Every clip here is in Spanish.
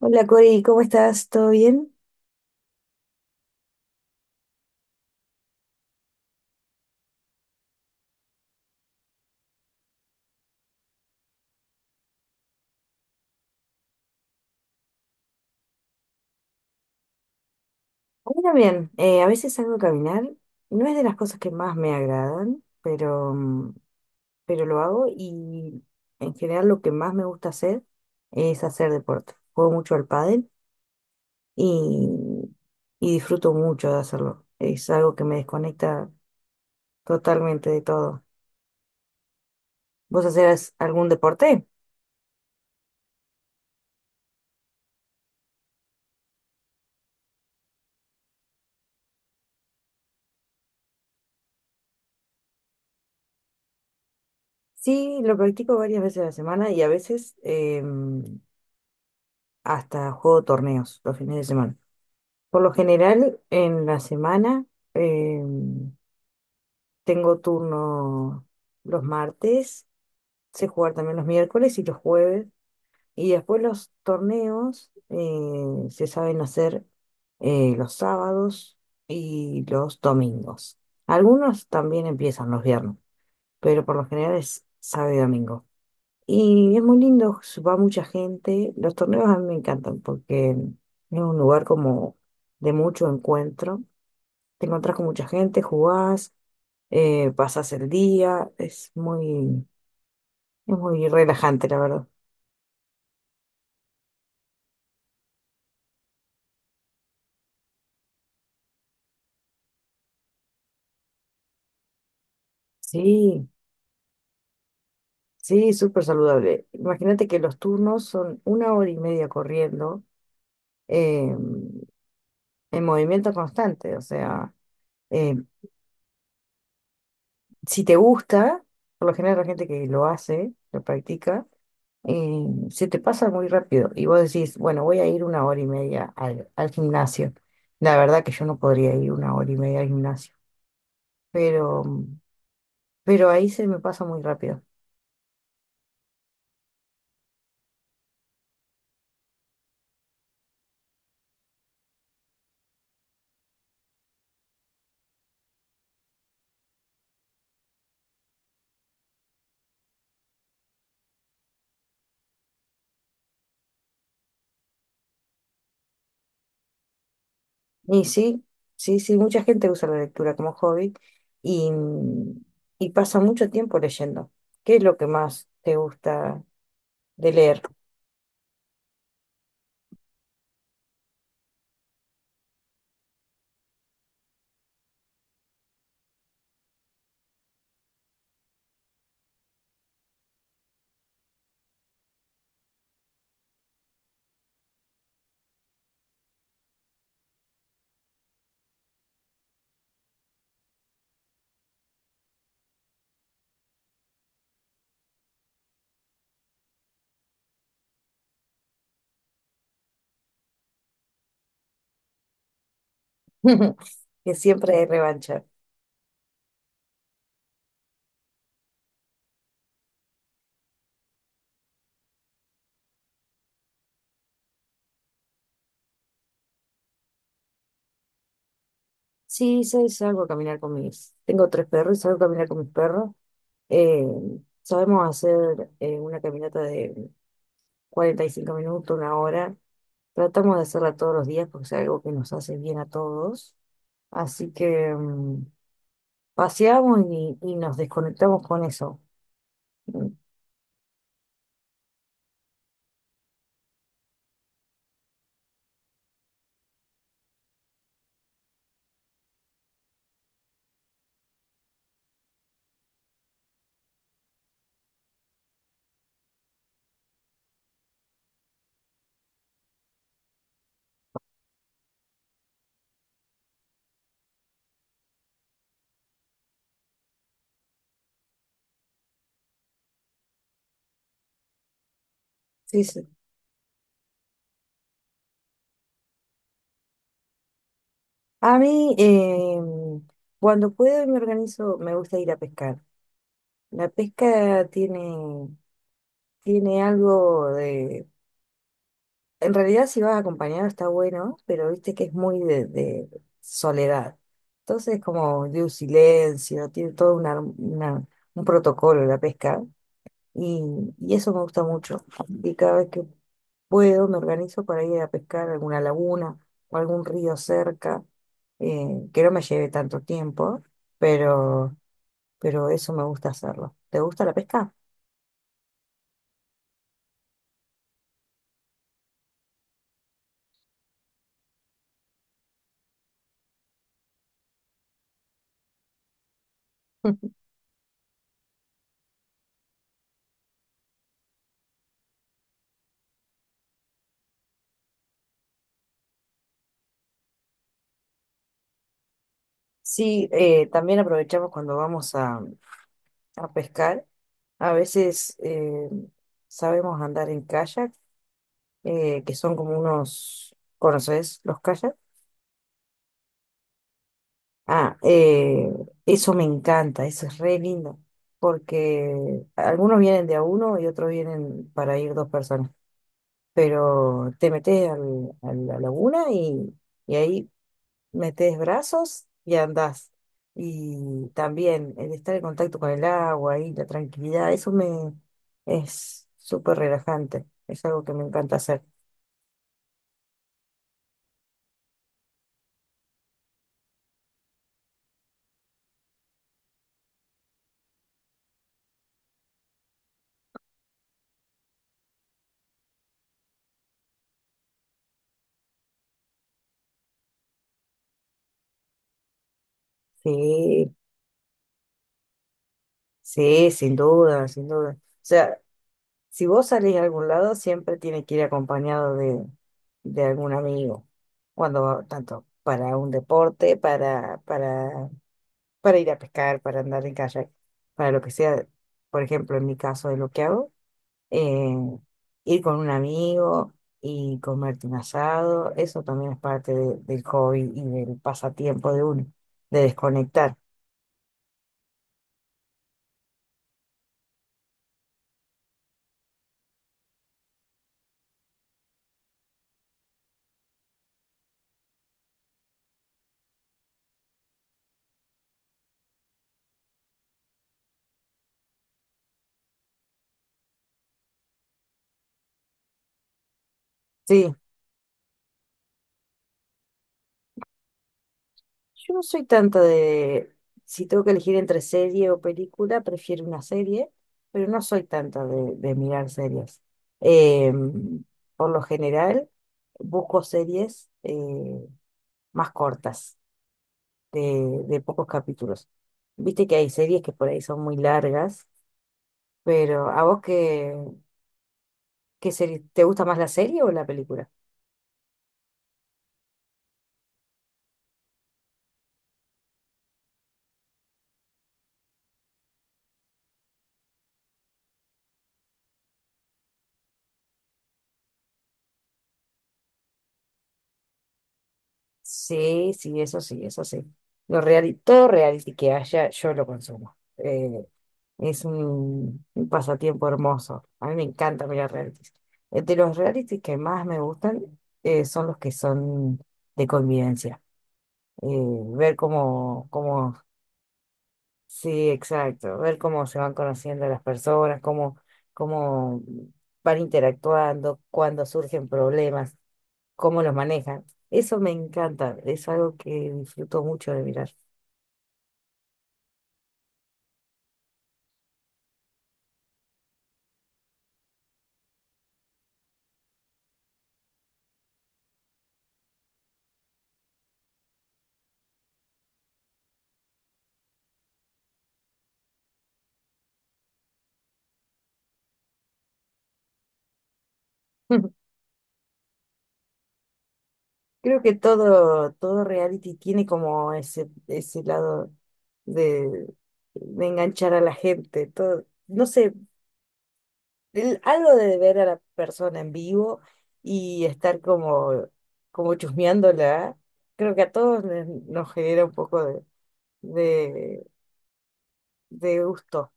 Hola Cori, ¿cómo estás? ¿Todo bien? Bueno, bien, a veces salgo a caminar, no es de las cosas que más me agradan, pero, pero lo hago y en general lo que más me gusta hacer es hacer deporte. Juego mucho al pádel y, y disfruto mucho de hacerlo. Es algo que me desconecta totalmente de todo. ¿Vos hacés algún deporte? Sí, lo practico varias veces a la semana y a veces hasta juego torneos los fines de semana. Por lo general, en la semana eh, tengo turno los martes, sé jugar también los miércoles y los jueves. Y después los torneos se saben hacer los sábados y los domingos. Algunos también empiezan los viernes, pero por lo general es sábado y domingo. Y es muy lindo, va mucha gente. Los torneos a mí me encantan porque es un lugar como de mucho encuentro, te encontrás con mucha gente, jugás, pasás el día, es es muy relajante, la verdad. Sí, sí, súper saludable. Imagínate que los turnos son una hora y media corriendo, eh, en movimiento constante, o sea, eh, si te gusta, por lo general la gente que lo hace, lo practica, eh, se te pasa muy rápido y vos decís, bueno, voy a ir una hora y media al gimnasio. La verdad que yo no podría ir una hora y media al gimnasio, pero ahí se me pasa muy rápido. Y sí, sí, sí, mucha gente usa la lectura como hobby y, y pasa mucho tiempo leyendo. ¿Qué es lo que más te gusta de leer? Que siempre hay revancha. Sí, sí, salgo a caminar con mis... Tengo tres perros y salgo a caminar con mis perros. Eh, sabemos hacer una caminata de 45 minutos, una hora. Tratamos de hacerla todos los días porque es algo que nos hace bien a todos. Así que... paseamos y nos desconectamos con eso. Mm. Sí, sí. A mí, cuando puedo y me organizo, me gusta ir a pescar. La pesca tiene algo de... En realidad, si vas acompañado está bueno, pero viste que es muy de soledad. Entonces, como de un silencio, tiene todo un protocolo la pesca. Y, y eso me gusta mucho. Y cada vez que puedo, me organizo para ir a pescar a alguna laguna o algún río cerca, eh, que no me lleve tanto tiempo, pero, pero eso me gusta hacerlo. ¿Te gusta la pesca? Sí, también aprovechamos cuando vamos a pescar. A veces sabemos andar en kayak, que son como unos, ¿conoces los kayaks? Ah, eso me encanta, eso es re lindo, porque algunos vienen de a uno y otros vienen para ir dos personas, pero te metes a la laguna y ahí metes brazos y andás. Y también el estar en contacto con el agua y la tranquilidad, eso me es súper relajante, es algo que me encanta hacer. Sí, sí, sin duda, sin duda. O sea, si vos salís a algún lado, siempre tiene que ir acompañado de algún amigo. Tanto para un deporte, para ir a pescar, para andar en kayak, para lo que sea, por ejemplo, en mi caso de lo que hago, eh, ir con un amigo y comerte un asado, eso también es parte de- del hobby y del pasatiempo de uno, de desconectar. Sí, yo no soy tanto de, si tengo que elegir entre serie o película, prefiero una serie, pero no soy tanto de mirar series. Em, por lo general, busco series más cortas, de pocos capítulos. Viste que hay series que por ahí son muy largas, pero ¿a vos qué serie? ¿Te gusta más la serie o la película? Sí, sí, eso sí, eso sí. Todo reality que haya, yo lo consumo. Es un pasatiempo hermoso. A mí me encanta mirar realities. De los realities que más me gustan son los que son de convivencia. Eh, ver sí, exacto, ver cómo se van conociendo las personas, cómo van interactuando, cuando surgen problemas, cómo los manejan. Eso me encanta, es algo que disfruto mucho de mirar. Creo que todo reality tiene como ese lado de, de enganchar a la gente, todo, no sé, algo de ver a la persona en vivo y estar como chusmeándola, creo que a nos genera un poco de, de gusto.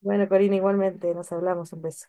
Bueno, Corina, igualmente, nos hablamos, un beso.